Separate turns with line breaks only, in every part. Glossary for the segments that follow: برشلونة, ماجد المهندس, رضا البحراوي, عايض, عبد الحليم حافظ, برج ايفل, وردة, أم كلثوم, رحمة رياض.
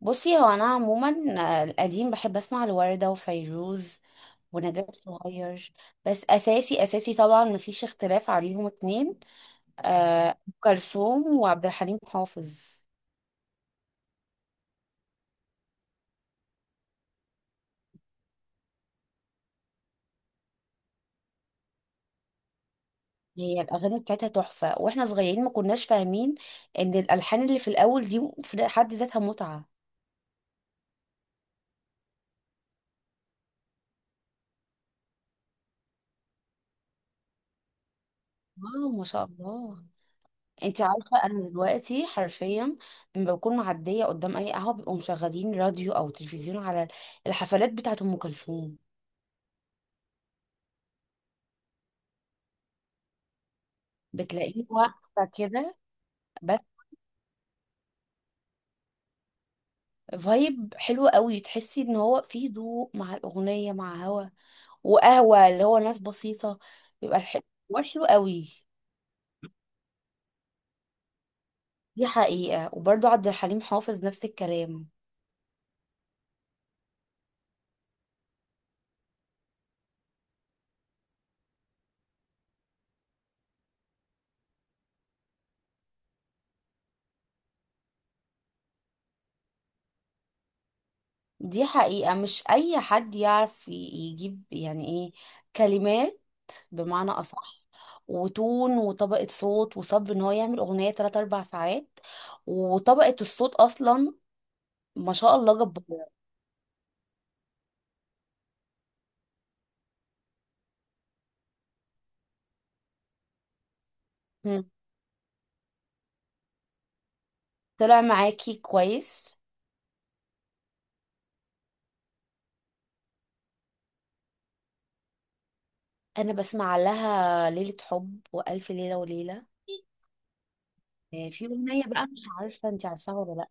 بصي هو انا عموما. القديم بحب اسمع لوردة وفيروز ونجاة صغير. بس اساسي طبعا مفيش اختلاف عليهم اتنين، أم كلثوم وعبد الحليم حافظ. هي الاغاني بتاعتها تحفة، واحنا صغيرين ما كناش فاهمين ان الالحان اللي في الاول دي في حد ذاتها متعة. واو ما شاء الله. انت عارفة انا دلوقتي حرفيا لما بكون معدية قدام اي قهوة بيبقوا مشغلين راديو او تلفزيون على الحفلات بتاعت ام كلثوم، بتلاقيه واقفة كده. بس فايب حلو قوي، تحسي ان هو فيه هدوء مع الأغنية مع هوا وقهوة، اللي هو ناس بسيطة، بيبقى الحوار حلو قوي. دي حقيقة، وبرضو عبد الحليم حافظ نفس الكلام. دي حقيقة، مش أي حد يعرف يجيب يعني إيه كلمات، بمعنى أصح، وتون وطبقة صوت وصبر إن هو يعمل أغنية 3 أربع ساعات. وطبقة الصوت أصلا ما شاء الله جبارة. مم. طلع معاكي كويس. انا بسمع لها ليلة حب والف ليلة وليلة. في اغنية بقى مش عارفة انت عارفاها ولا لا.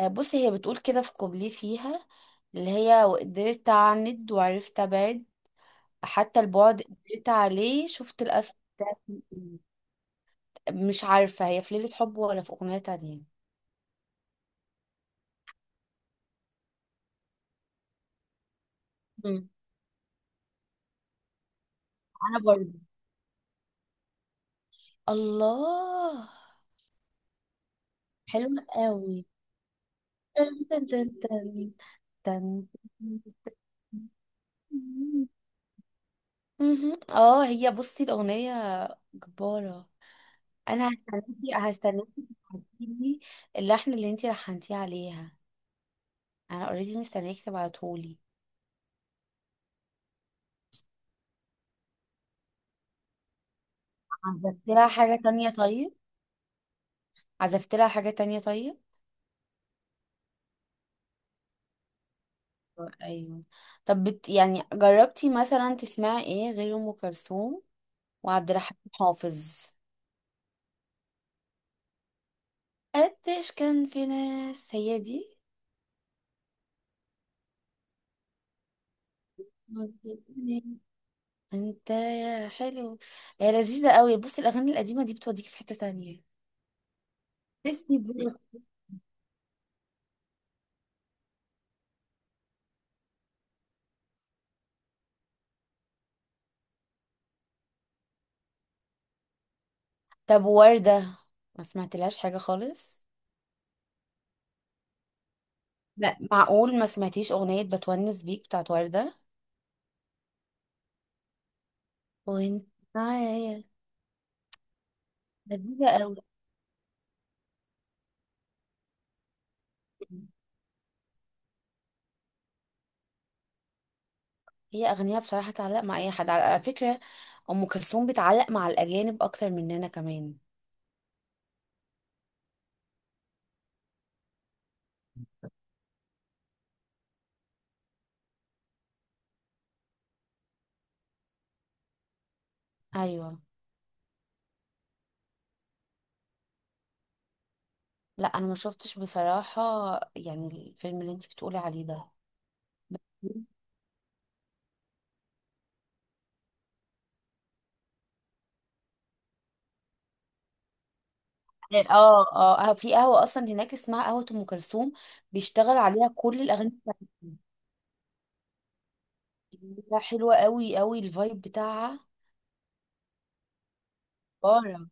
بصي هي بتقول كده في كوبليه فيها، اللي هي وقدرت اعند وعرفت ابعد، حتى البعد قدرت عليه شفت الاسد ده في الإيد. مش عارفة هي في ليلة حب ولا في اغنية تانية. مم. انا برضه الله، حلوة قوي. تن تن تن تن تن. مهم. اه هي بصي الأغنية جبارة. أنا هستناكي تبعتيلي اللحن اللي انتي لحنتيه عليها. أنا اوريدي مستنياكي تبعتهولي. عزفت لها حاجة تانية طيب؟ عزفت لها حاجة تانية طيب؟ أيوه. طب بت يعني جربتي مثلا تسمعي ايه غير أم كلثوم وعبد الحليم حافظ؟ قديش كان في ناس هي دي. انت يا حلو، هي لذيذة قوي. بصي الأغاني القديمة دي بتوديكي في حتة تانية تسلي دي. طب وردة ما سمعتلهاش حاجة خالص؟ لا معقول ما سمعتيش أغنية بتونس بيك بتاعت وردة؟ وانت معايا، لذيذة أوي. هي أغنية بصراحة تعلق مع أي حد، على فكرة، أم كلثوم بتعلق مع الأجانب أكتر مننا كمان. أيوة. لا أنا ما شفتش بصراحة، يعني الفيلم اللي انت بتقولي عليه ده. اه اه، في قهوة أصلا هناك اسمها قهوة أم كلثوم، بيشتغل عليها كل الأغاني بتاعتها. لا حلوة قوي قوي الفايب بتاعها. بارة.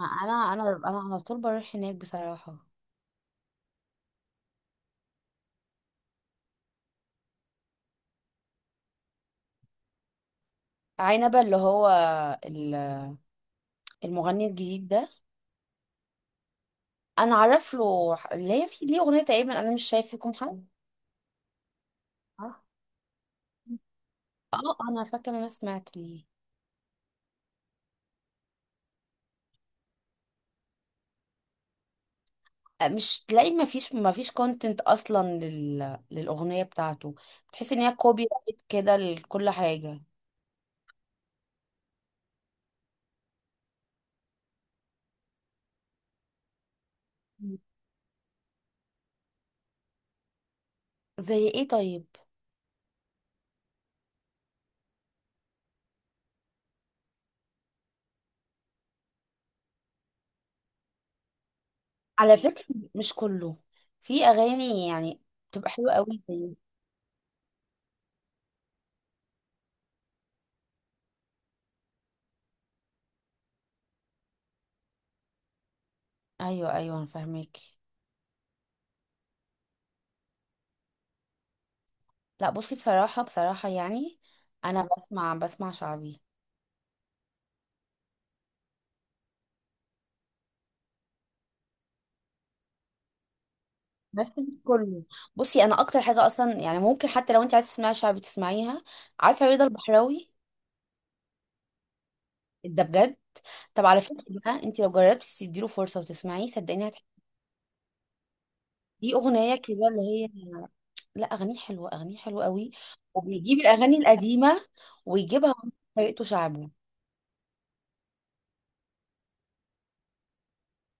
انا على طول بروح هناك بصراحة. عنبة اللي هو ال- المغني الجديد ده. انا عارف له اللي هي في ليه اغنية تقريبا انا مش شايف فيكم حد، صح؟ اه انا فاكرة إن انا سمعت ليه. مش تلاقي ما فيش كونتنت اصلا للاغنية بتاعته، بتحس ان هي كوبي رايت كده لكل حاجة. زي ايه طيب؟ على فكرة مش كله، في اغاني يعني بتبقى حلوة قوي. ايوه ايوه انا فاهمك. لا بصي بصراحه يعني انا بسمع شعبي، بس مش كله. بصي انا اكتر حاجه اصلا يعني ممكن حتى لو انت عايزه تسمعي شعبي تسمعيها. عارفه رضا البحراوي؟ ده بجد. طب على فكره بقى انت لو جربتي تديله فرصه وتسمعيه صدقيني هتحبي. دي اغنيه كده اللي هي. لا اغانيه حلوه، اغانيه حلوه قوي، وبيجيب الاغاني القديمه ويجيبها بطريقته شعبي.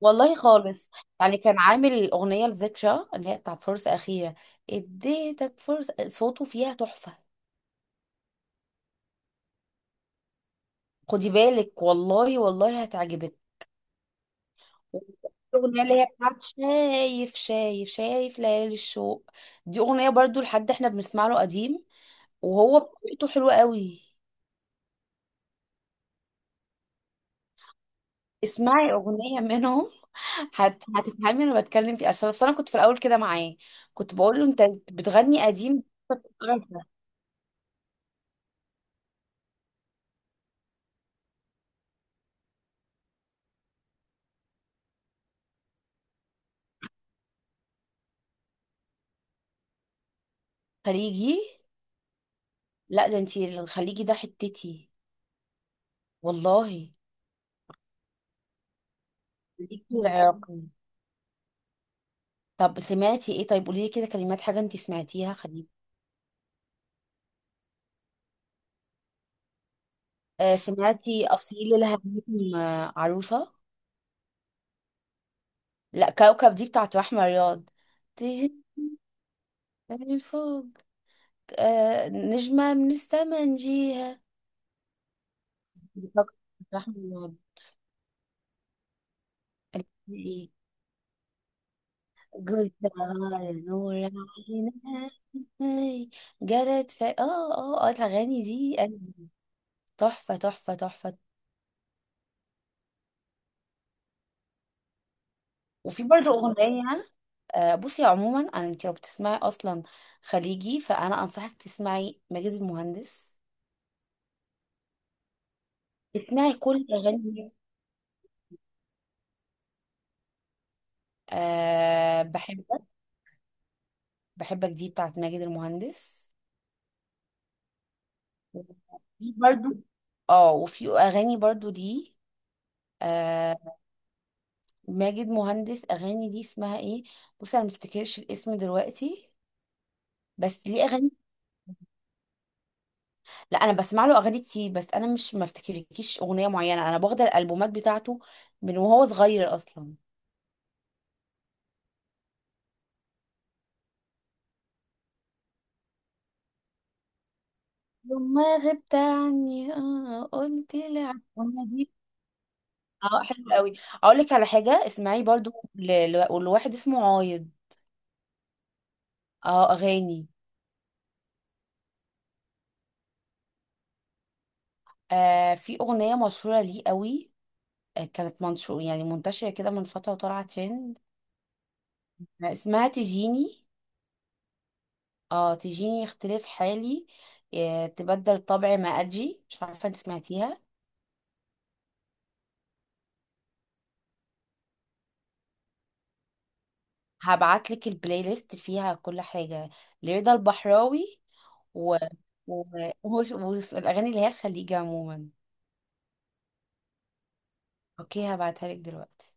والله خالص. يعني كان عامل أغنية لذكرى اللي هي بتاعت فرصة أخيرة، اديتك فرصة، صوته فيها تحفة. خدي بالك والله والله هتعجبك. الأغنية اللي هي بتاعت شايف ليالي الشوق، دي أغنية برضو لحد احنا بنسمع له قديم، وهو بطريقته حلوة قوي. اسمعي أغنية منهم، هتفهمي أنا بتكلم في إيه. أصل أنا كنت في الأول كده معاه، كنت بقول له أنت بتغني قديم. خليجي؟ لا ده انتي الخليجي ده حتتي والله. ليكي العراقي. طب سمعتي ايه طيب؟ قولي لي كده كلمات حاجة انتي سمعتيها خليجي. آه سمعتي اصيل الهميم؟ عروسة؟ لا كوكب دي بتاعت رحمة رياض. تيجي من الفوق، آه نجمة من السما نجيها. دي كوكب بتاعت رحمة رياض. ايه، قلت غار نور عيني جرت في اه اه اه الاغاني دي أنا- تحفة تحفة تحفة. وفي برضه أغنية، بصي عموما أنا، أنت لو بتسمعي أصلا خليجي فأنا أنصحك تسمعي ماجد المهندس. اسمعي كل أغاني. أه بحبك، بحبك دي بتاعت ماجد المهندس. في برضه، اه وفي أغاني برضه دي، أه، ماجد مهندس أغاني دي اسمها ايه؟ بصي أنا مفتكرش الاسم دلوقتي بس ليه أغاني. لا أنا بسمع له أغاني كتير بس أنا مش مفتكرلكيش أغنية معينة، أنا باخد الألبومات بتاعته من وهو صغير أصلا. لما غبت عني اه قلت لي على، الأغنية دي اه حلو قوي. اقول لك على حاجه، اسمعي برضو لواحد اسمه عايض. اه اغاني. آه في اغنيه مشهوره ليه قوي، آه كانت منشور يعني منتشره كده من فتره وطالعه ترند. آه اسمها تجيني. اه تجيني اختلاف حالي، آه تبدل طبعي ما اجي، مش عارفه انت سمعتيها. هبعتلك البلاي ليست فيها كل حاجة لرضا البحراوي و... و... وهو- والأغاني اللي هي الخليجي عموما. اوكي هبعتها لك دلوقتي.